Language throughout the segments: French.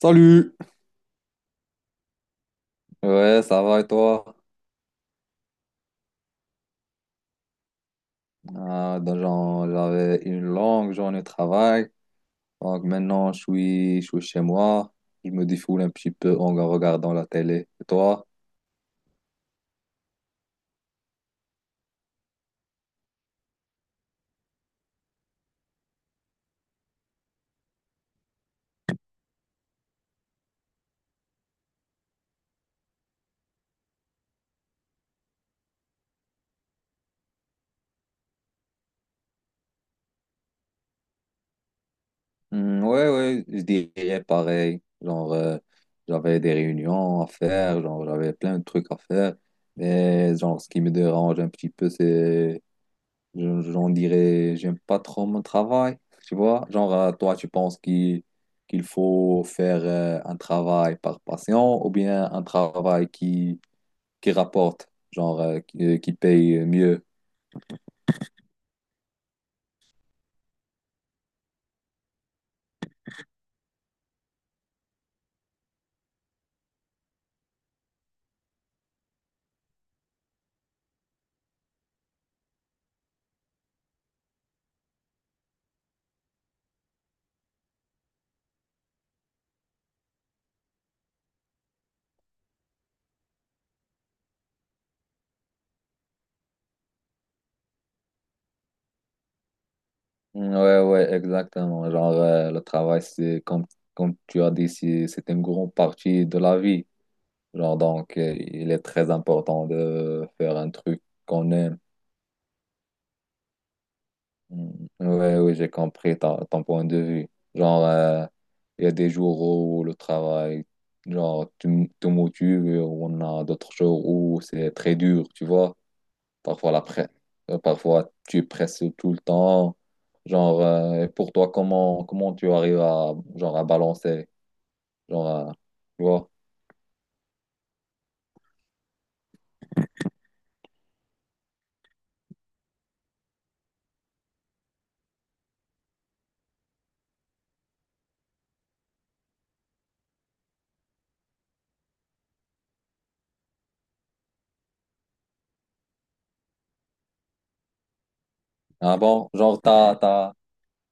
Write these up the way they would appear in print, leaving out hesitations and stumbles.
Salut! Ouais, ça va et toi? J'avais une longue journée de travail. Donc maintenant, je suis chez moi. Je me défoule un petit peu en regardant la télé. Et toi? Hmm, ouais, ouais, je dirais pareil. J'avais des réunions à faire. Genre, j'avais plein de trucs à faire. Mais genre, ce qui me dérange un petit peu, c'est J'en dirais, j'aime pas trop mon travail, tu vois. Genre, toi, tu penses qu'il faut faire un travail par passion ou bien un travail qui rapporte, qui paye mieux. Ouais, ouais, exactement. Le travail, c'est comme, comme tu as dit, c'est une grande partie de la vie. Il est très important de faire un truc qu'on aime. Mm. Ouais, oui, j'ai compris ton point de vue. Genre, euh, il y a des jours où le travail, genre, te motive, et on a d'autres jours où c'est très dur, tu vois. Parfois, la pre- Parfois, tu presses tout le temps. Et pour toi, comment tu arrives à, genre, à balancer? Genre, à- Tu vois. Ah bon, genre,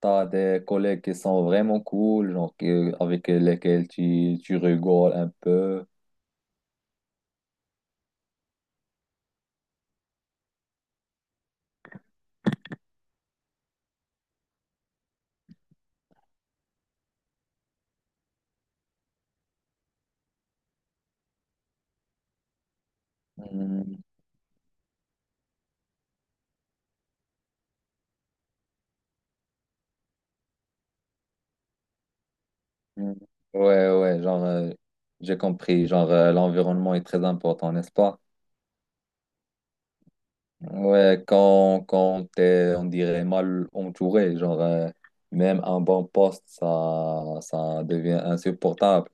t'as des collègues qui sont vraiment cool, avec lesquels tu rigoles un peu. Mm. Ouais, ouais, j'ai compris, l'environnement est très important, n'est-ce pas? Ouais, quand t'es, on dirait, mal entouré, même un bon poste, ça devient insupportable.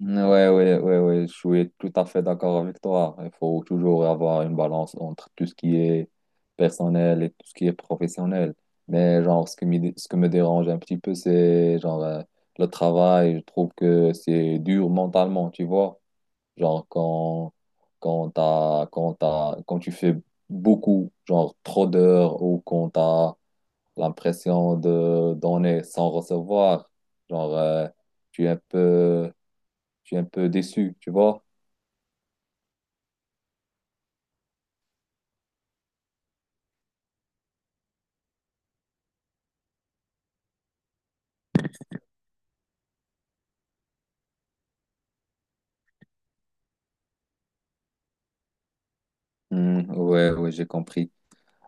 Ouais, ouais, je suis tout à fait d'accord avec toi. Il faut toujours avoir une balance entre tout ce qui est personnel et tout ce qui est professionnel. Mais genre, ce qui me, ce que me dérange un petit peu, c'est le travail. Je trouve que c'est dur mentalement, tu vois. Genre, quand, quand tu fais beaucoup, genre trop d'heures ou quand t'as l'impression de donner sans recevoir, genre, euh, tu es un peu je suis un peu déçu, tu vois. Hmm, ouais, ouais, j'ai compris.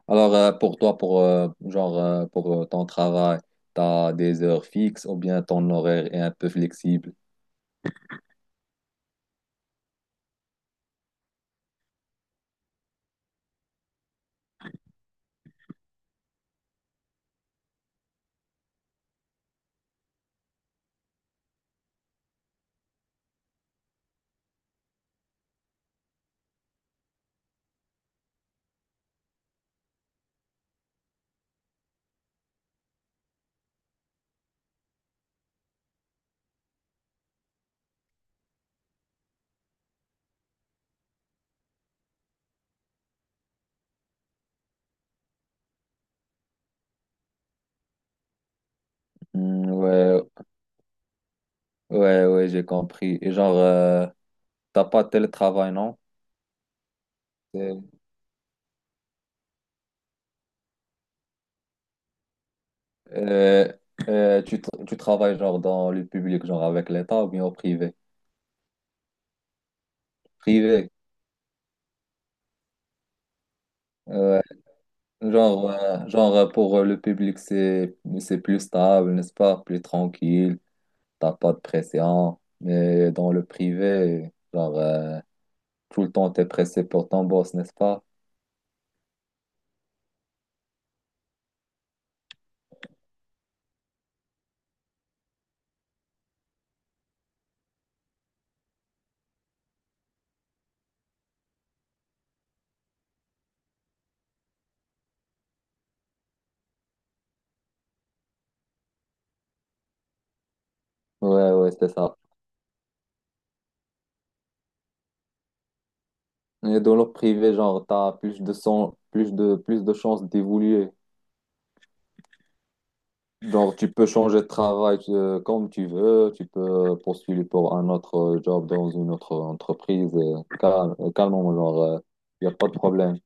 Alors, pour toi, pour, genre, pour ton travail, t'as des heures fixes ou bien ton horaire est un peu flexible? Hmm, ouais, j'ai compris. Et t'as pas de télétravail, non? Euh, euh, Tu travailles genre dans le public, genre avec l'État ou bien au privé? Privé. Ouais. Genre, genre pour le public, c'est plus stable, n'est-ce pas? Plus tranquille. T'as pas de pression. Mais dans le privé, tout le temps, t'es pressé pour ton boss, n'est-ce pas? Ouais, ouais, c'est ça. Et dans le privé, genre, t'as plus de son- plus de chances d'évoluer. Donc, tu peux changer de travail comme tu veux, tu peux postuler pour un autre job dans une autre entreprise, calmement, genre, il n'y a pas de problème.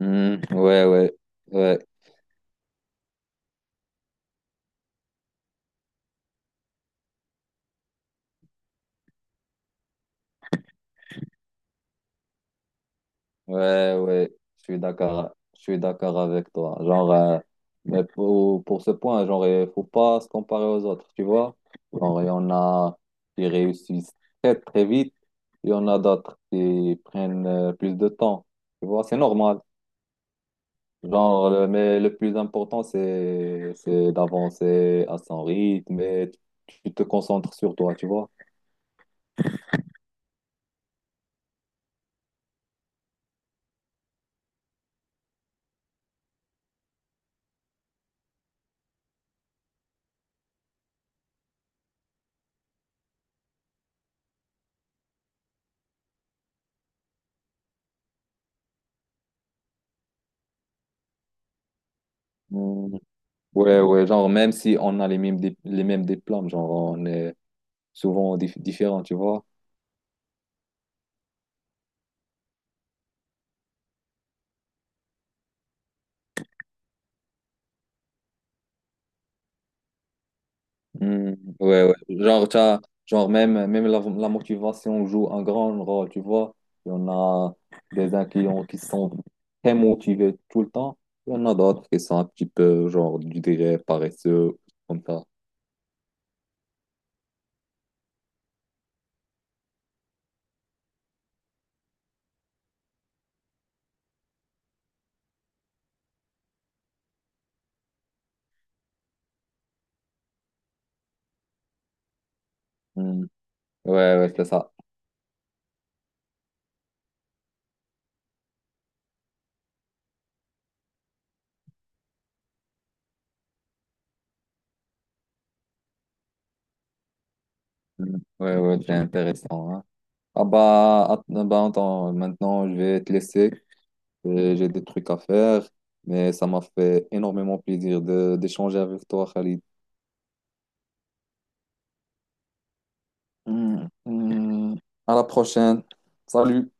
Hmm, ouais, ouais, je suis d'accord avec toi. Mais pour ce point, genre, il faut pas se comparer aux autres, tu vois? Genre, il y en a qui réussissent très, très vite, il y en a d'autres qui prennent plus de temps, tu vois? C'est normal. Mais le plus important, c'est d'avancer à son rythme et tu te concentres sur toi, tu vois. Mm. Ouais, ouais, genre, même si on a les mêmes diplômes, genre, on est différents, tu vois. Mm. Ouais, ouais, genre même, même la motivation joue un grand rôle, tu vois. Il y en a des uns qui sont très motivés tout le temps, il y en a d'autres qui sont un petit peu, genre, je dirais, paresseux, comme ça. Mm. Ouais, ouais, c'est ça. Mm. Ouais, ouais, c'est intéressant. Hein. Bah, attends, maintenant, je vais te laisser. J'ai des trucs à faire, mais ça m'a fait énormément plaisir de d'échanger avec toi, Khalid. Mm. Mm. À la prochaine. Salut.